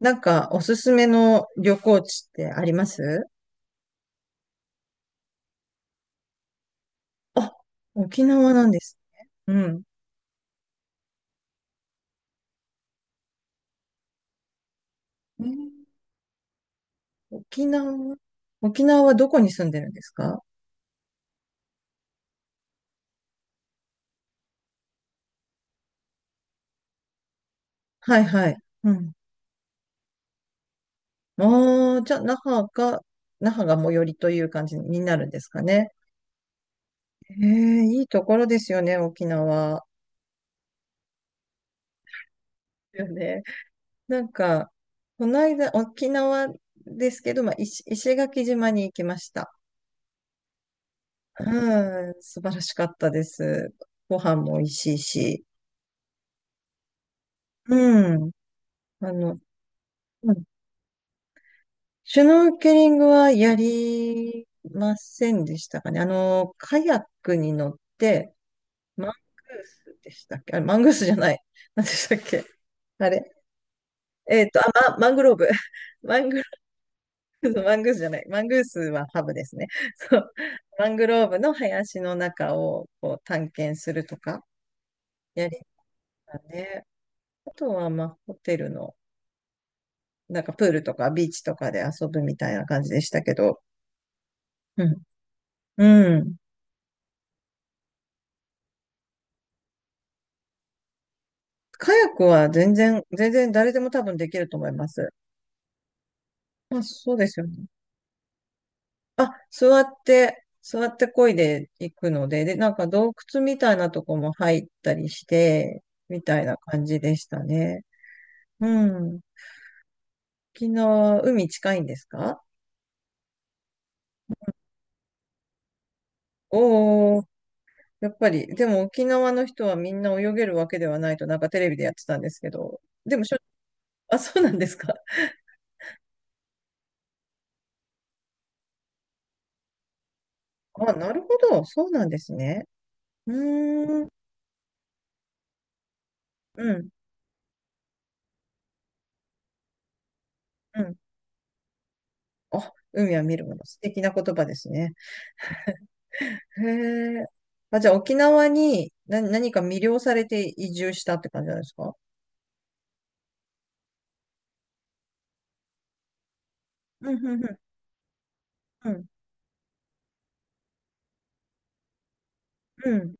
なんか、おすすめの旅行地ってありますあ、沖縄なんですね。うん。えー沖縄、沖縄はどこに住んでるんですか？はいはい。うん。ああ、じゃあ、那覇が、那覇が最寄りという感じになるんですかね。ええ、いいところですよね、沖縄。よね。なんか、この間、沖縄ですけど、まあ、石垣島に行きました。うん、素晴らしかったです。ご飯も美味しいし。うん。あの、うん、シュノーケリングはやりませんでしたかね。あの、カヤックに乗って、マングースでしたっけあれ、マングースじゃない。何でしたっけあれ。えっと、あ、ま、マングローブ。マングローブ、マングースじゃない。マングースはハブですね。そう。マングローブの林の中をこう探検するとか、やりましたね。あとは、まあ、ホテルの、なんかプールとかビーチとかで遊ぶみたいな感じでしたけど、うんうん。カヤックは全然誰でも多分できると思います。まあ、そうですよね。あ、座って漕いでいくので、で、なんか洞窟みたいなとこも入ったりして、みたいな感じでしたね。うん。沖縄、海近いんですか？おー、やっぱり、でも沖縄の人はみんな泳げるわけではないと、なんかテレビでやってたんですけど、でもしょ、あ、そうなんですか。あ、なるほど、そうなんですね。うーん、うん。うん、あ、海は見るもの。素敵な言葉ですね。へえ。あ、じゃあ沖縄に何、何か魅了されて移住したって感じなんですか？うん、うん、うん、うん、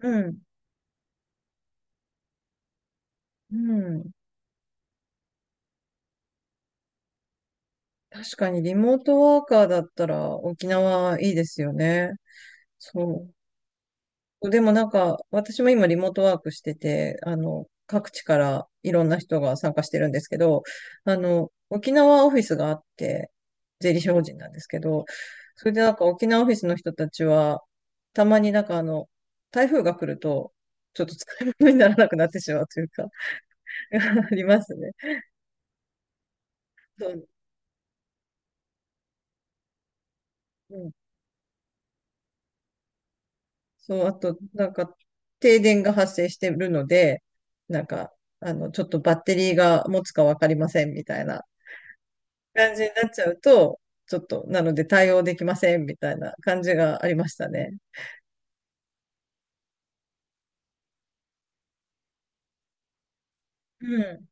うん、うん。確かにリモートワーカーだったら沖縄いいですよね。そう。でもなんか、私も今リモートワークしてて、あの、各地からいろんな人が参加してるんですけど、あの、沖縄オフィスがあって、税理士法人なんですけど、それでなんか沖縄オフィスの人たちは、たまになんかあの、台風が来ると、ちょっと使い物にならなくなってしまうというか ありますね。そう、うん、そう、あと、なんか、停電が発生してるので、なんか、あの、ちょっとバッテリーが持つかわかりませんみたいな感じになっちゃうと、ちょっと、なので対応できませんみたいな感じがありましたね。うん。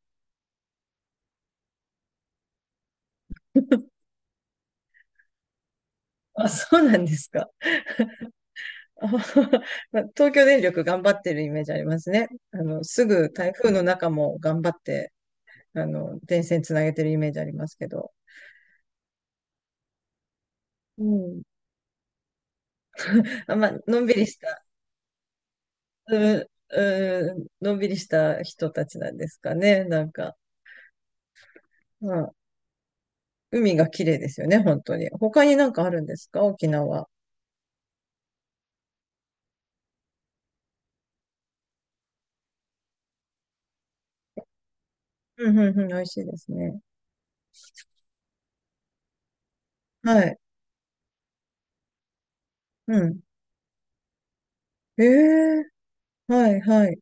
あ、そうなんですか。あはは。まあ東京電力頑張ってるイメージありますね。あの、すぐ台風の中も頑張って、あの、電線つなげてるイメージありますけど。うん。あ、まあ、のんびりした、うん、うん、のんびりした人たちなんですかね。なんか、まあ海が綺麗ですよね、本当に。他になんかあるんですか沖縄。うん、うん、うん、美味しいですね。はい。うん。ええ、はいはい。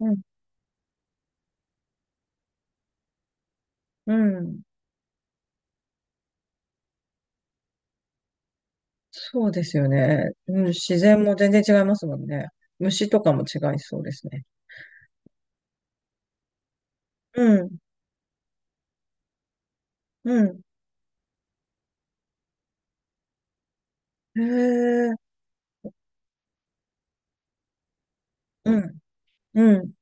うん、うん。そうですよね。うん、自然も全然違いますもんね。虫とかも違いそうですね。うん、うん。へえ、うん、うん。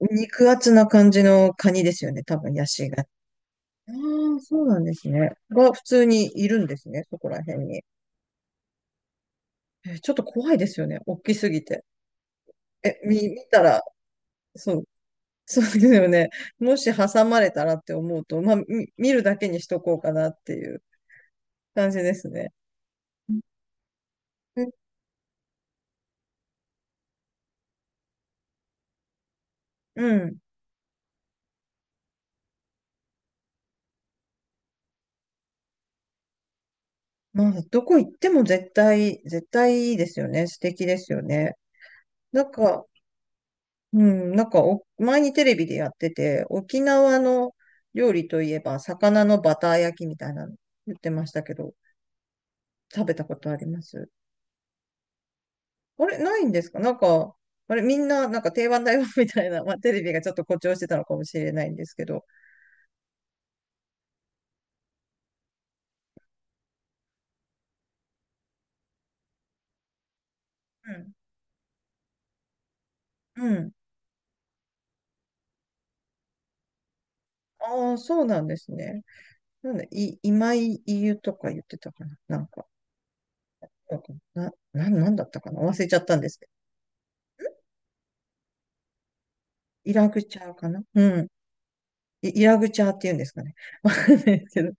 肉厚な感じのカニですよね、多分、ヤシが。ああ、そうなんですね。が、普通にいるんですね、そこら辺に。えーちょっと怖いですよね、大きすぎて。え、見たら、そう、そうですよね。もし挟まれたらって思うと、まあ、見るだけにしとこうかなっていう。感じですね。うん。うん、まあ、どこ行っても絶対、絶対いいですよね。素敵ですよね。なんか、うん、なんかお、前にテレビでやってて、沖縄の料理といえば、魚のバター焼きみたいなの言ってましたけど、食べたことあります？あれ、ないんですか？なんか、あれ、みんな、なんか定番だよ みたいな、まあ、テレビがちょっと誇張してたのかもしれないんですけど。うん、うん。ああ、そうなんですね。なんだ、い、今井湯とか言ってたかな、なんか。だっからな、なんだったかな忘れちゃったんですけど。イラグチャーかな、うん。イイラグチャーって言うんですかね。わかんないですけど。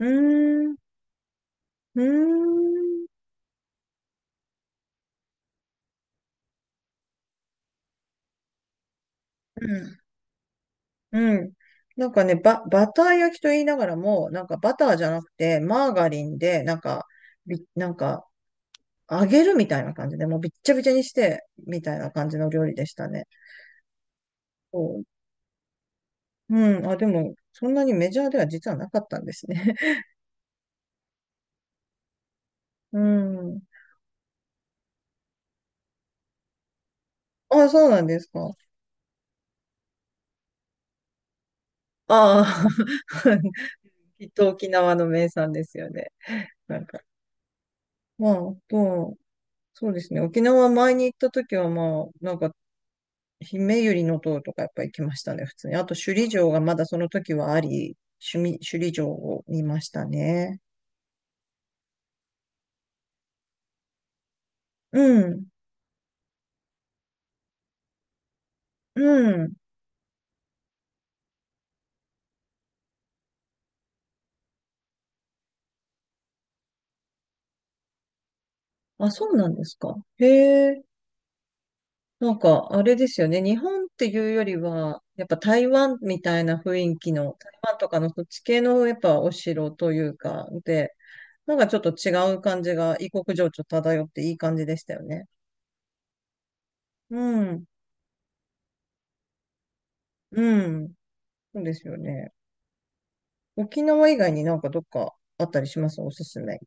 うーん、うーん、うん、うん。なんかね、バター焼きと言いながらも、なんかバターじゃなくて、マーガリンで、なんか、び、なんか、揚げるみたいな感じで、もうびっちゃびちゃにして、みたいな感じの料理でしたね。そう。うん。あ、でも、そんなにメジャーでは実はなかったんですね。うん。あ、そうなんですか。ああ。きっと沖縄の名産ですよね。なんか。まあ、まあと、そうですね。沖縄前に行った時は、まあ、なんか、姫百合の塔とかやっぱ行きましたね、普通に。あと、首里城がまだその時はあり、首里城を見ましたね。うん、うん。あ、そうなんですか。へえ。なんか、あれですよね。日本っていうよりは、やっぱ台湾みたいな雰囲気の、台湾とかのそっち系のやっぱお城というか、で、なんかちょっと違う感じが異国情緒漂っていい感じでしたよね。うん。うん。そうですよね。沖縄以外になんかどっかあったりします？おすすめ。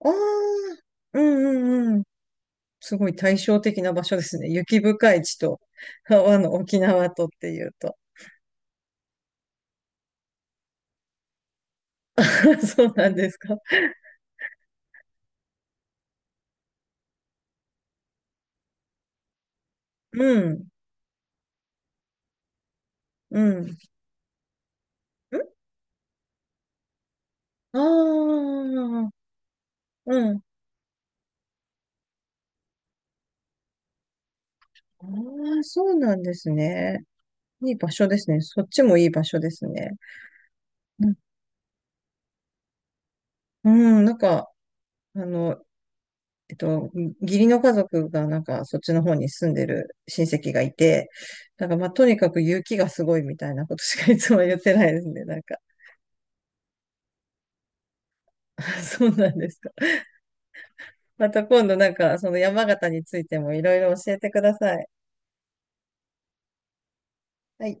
ああ、うんうんうん。すごい対照的な場所ですね。雪深い地と、あの、沖縄とっていうと。そうなんですか。うん。うん。ん、ああ、うん。ああ、そうなんですね。いい場所ですね。そっちもいい場所ですね。うん、うん、なんか、あの、えっと、義理の家族がなんかそっちの方に住んでる親戚がいて、なんかまあとにかく雪がすごいみたいなことしかいつも言ってないですね、なんか。そうなんですか。また今度なんかその山形についてもいろいろ教えてください。はい。